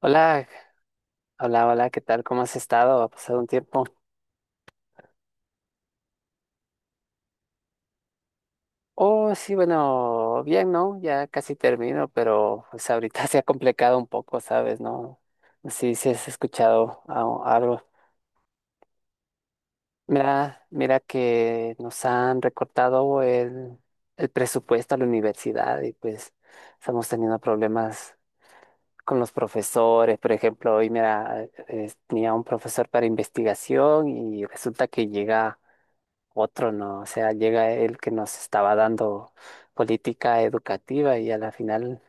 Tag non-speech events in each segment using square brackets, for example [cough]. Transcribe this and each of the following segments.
Hola, hola, hola, ¿qué tal? ¿Cómo has estado? Ha pasado un tiempo. Oh, sí, bueno, bien, ¿no? Ya casi termino, pero pues ahorita [laughs] se ha complicado un poco, ¿sabes? ¿No? No sé si has escuchado algo. Mira, mira que nos han recortado el presupuesto a la universidad y pues estamos teniendo problemas con los profesores. Por ejemplo, hoy, mira, tenía un profesor para investigación y resulta que llega otro no, o sea, llega el que nos estaba dando política educativa y a la final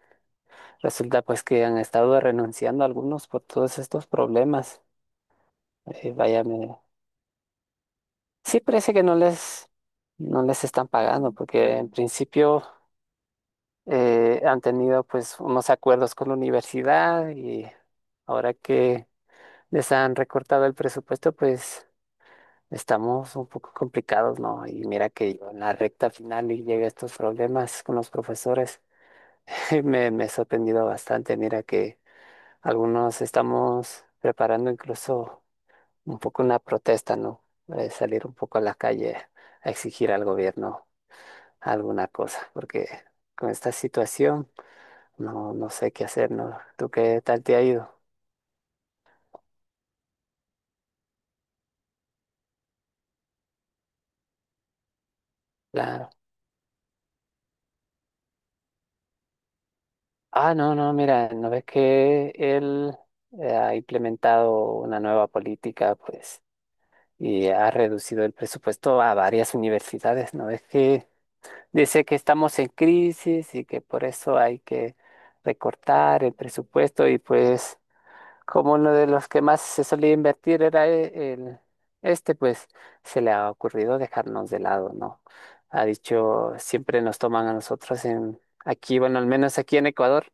resulta pues que han estado renunciando algunos por todos estos problemas. Vaya, sí parece que no les están pagando porque en principio han tenido pues unos acuerdos con la universidad y ahora que les han recortado el presupuesto pues estamos un poco complicados, ¿no? Y mira que yo en la recta final y llega estos problemas con los profesores. [laughs] Me he sorprendido bastante. Mira que algunos estamos preparando incluso un poco una protesta, ¿no? Salir un poco a la calle a exigir al gobierno alguna cosa, porque con esta situación no sé qué hacer, ¿no? ¿Tú qué tal te ha ido? Claro. Ah, no, no, mira, ¿no ves que él ha implementado una nueva política, pues, y ha reducido el presupuesto a varias universidades? ¿No ves que... Dice que estamos en crisis y que por eso hay que recortar el presupuesto y pues como uno de los que más se solía invertir era el, este, pues se le ha ocurrido dejarnos de lado, ¿no? Ha dicho, siempre nos toman a nosotros en, aquí, bueno, al menos aquí en Ecuador,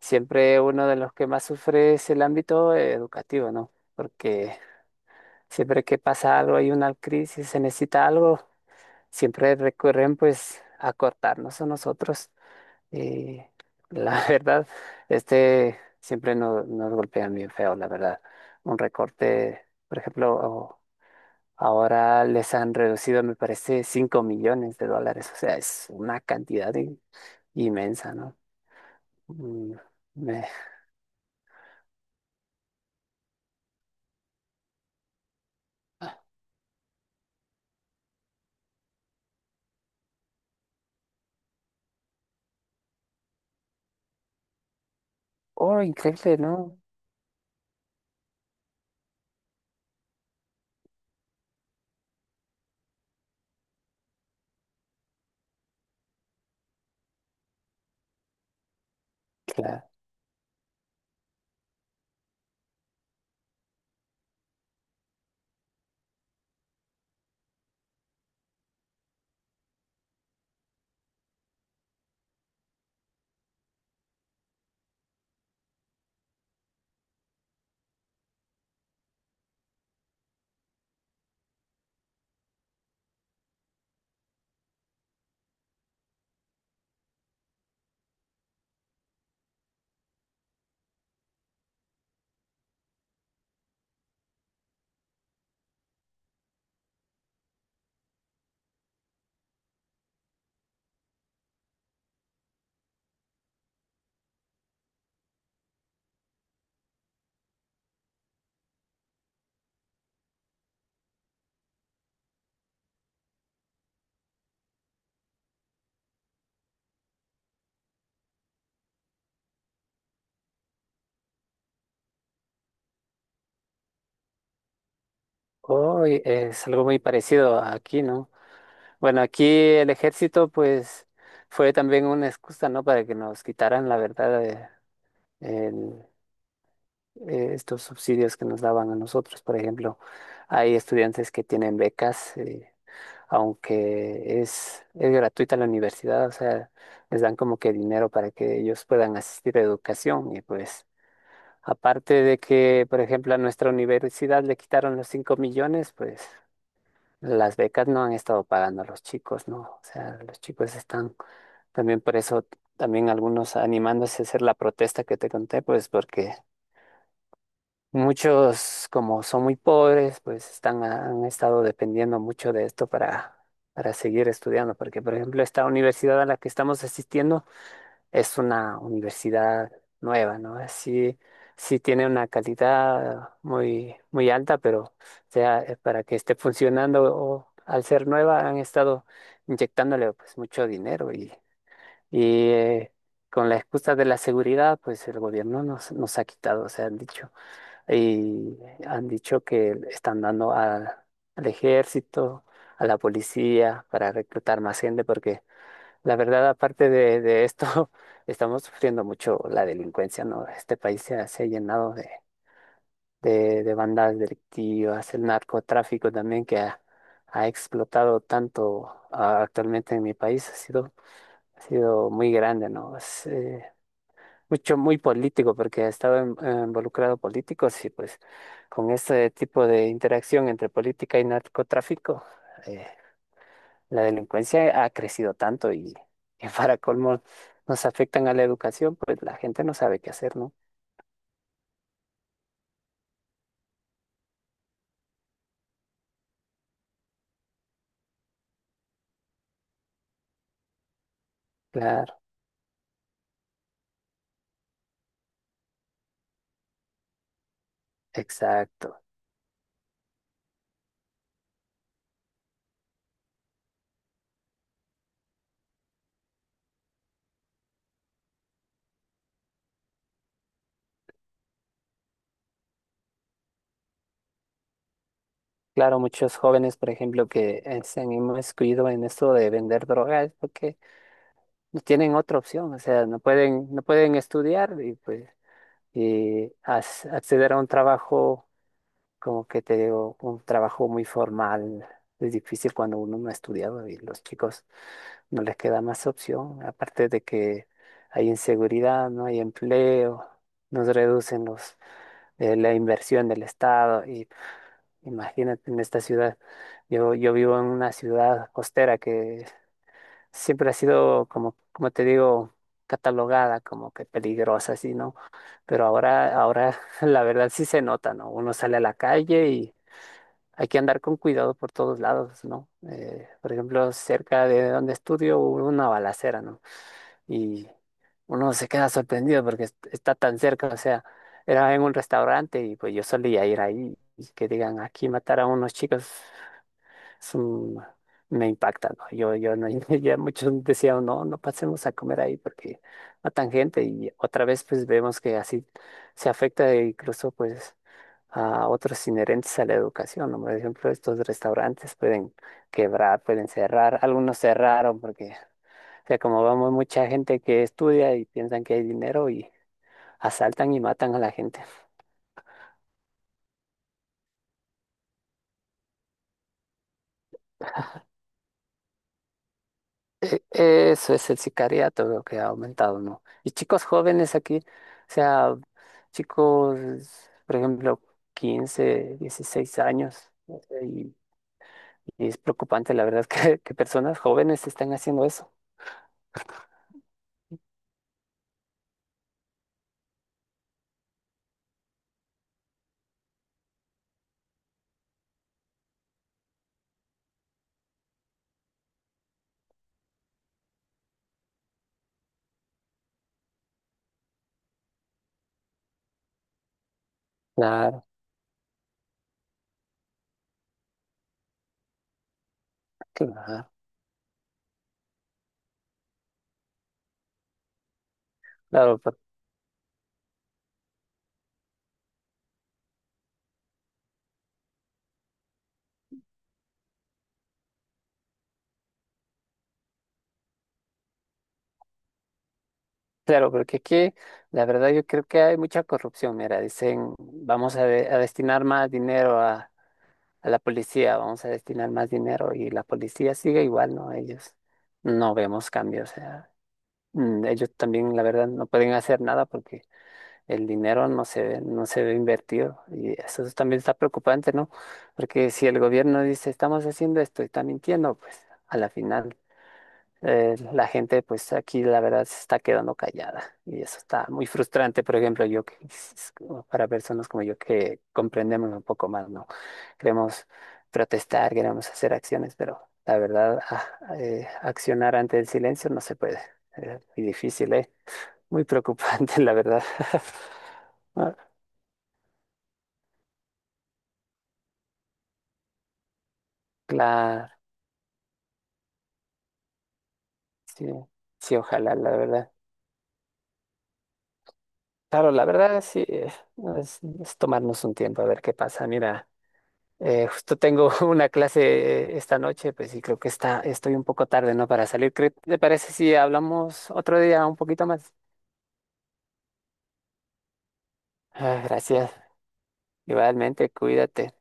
siempre uno de los que más sufre es el ámbito educativo, ¿no? Porque siempre que pasa algo, hay una crisis, se necesita algo, siempre recurren pues a cortarnos a nosotros. Y la [laughs] verdad, este siempre nos golpean bien feo, la verdad. Un recorte, por ejemplo, ahora les han reducido, me parece, $5 millones. O sea, es una cantidad inmensa, ¿no? Mm, me- Oh, increíble, ¿no? Claro. Oh, y es algo muy parecido aquí, ¿no? Bueno, aquí el ejército, pues, fue también una excusa, ¿no? Para que nos quitaran, la verdad, el- estos subsidios que nos daban a nosotros. Por ejemplo, hay estudiantes que tienen becas, aunque es gratuita la universidad, o sea, les dan como que dinero para que ellos puedan asistir a educación. Y pues, aparte de que, por ejemplo, a nuestra universidad le quitaron los 5 millones, pues, las becas no han estado pagando a los chicos, ¿no? O sea, los chicos están también por eso, también algunos animándose a hacer la protesta que te conté, pues porque muchos, como son muy pobres, pues están, han estado dependiendo mucho de esto para seguir estudiando. Porque, por ejemplo, esta universidad a la que estamos asistiendo es una universidad nueva, ¿no? Así, sí tiene una calidad muy, muy alta, pero o sea, para que esté funcionando o al ser nueva han estado inyectándole pues mucho dinero y con la excusa de la seguridad, pues el gobierno nos, nos ha quitado, o sea, han dicho, y han dicho que están dando al ejército, a la policía, para reclutar más gente, porque la verdad, aparte de esto, [laughs] estamos sufriendo mucho la delincuencia, ¿no? Este país se ha llenado de bandas delictivas, el narcotráfico también que ha explotado tanto actualmente en mi país, ha sido muy grande, ¿no? Mucho, muy político, porque estaba involucrado políticos y pues con este tipo de interacción entre política y narcotráfico, eh, la delincuencia ha crecido tanto [laughs] y para colmo nos afectan a la educación, pues la gente no sabe qué hacer, ¿no? Claro, exacto. Claro, muchos jóvenes, por ejemplo, que se han inmiscuido en esto de vender drogas porque no tienen otra opción, o sea, no pueden estudiar y pues y acceder a un trabajo, como que te digo, un trabajo muy formal. Es difícil cuando uno no ha estudiado y los chicos no les queda más opción. Aparte de que hay inseguridad, no hay empleo, nos reducen la inversión del Estado. Y imagínate en esta ciudad, yo vivo en una ciudad costera que siempre ha sido, como, como te digo, catalogada como que peligrosa, así, ¿no? Pero ahora, ahora [laughs] la verdad sí se nota, ¿no? Uno sale a la calle y hay que andar con cuidado por todos lados, ¿no? Por ejemplo, cerca de donde estudio hubo una balacera, ¿no? Y uno se queda sorprendido porque está tan cerca, o sea, era en un restaurante y pues yo solía ir ahí y que digan, aquí mataron a unos chicos, es un- me impacta, ¿no? Yo no, [laughs] ya muchos decían, no, no pasemos a comer ahí porque matan gente, y otra vez pues vemos que así se afecta incluso pues a otros inherentes a la educación, ¿no? Por ejemplo, estos restaurantes pueden quebrar, pueden cerrar, algunos cerraron porque, o sea, como vamos mucha gente que estudia y piensan que hay dinero y asaltan y matan a la gente. E- Eso es el sicariato, veo que ha aumentado, ¿no? Y chicos jóvenes aquí, o sea, chicos, por ejemplo, 15, 16 años, y es preocupante, la verdad, [laughs] que personas jóvenes están haciendo eso. Claro, claro, claro, claro, porque aquí, la verdad, yo creo que hay mucha corrupción. Mira, dicen, vamos a, a destinar más dinero a la policía, vamos a destinar más dinero y la policía sigue igual, ¿no? Ellos no vemos cambios, o sea, mm, ellos también, la verdad, no pueden hacer nada porque el dinero no se ve, no se ve invertido y eso también está preocupante, ¿no? Porque si el gobierno dice, estamos haciendo esto y está mintiendo, pues a la final la gente, pues aquí la verdad se está quedando callada y eso está muy frustrante, por ejemplo, para personas como yo que comprendemos un poco más, ¿no? Queremos protestar, queremos hacer acciones, pero la verdad, accionar ante el silencio no se puede. Muy difícil, ¿eh? Muy preocupante, [laughs] la verdad. [laughs] Ah, claro, sí, sí, ojalá, la verdad. Claro, la verdad, sí, no, es tomarnos un tiempo a ver qué pasa. Mira, justo tengo [laughs] una clase esta noche, pues sí, creo que estoy un poco tarde, ¿no? Para salir. ¿Te parece si hablamos otro día un poquito más? Ah, gracias. Igualmente, cuídate.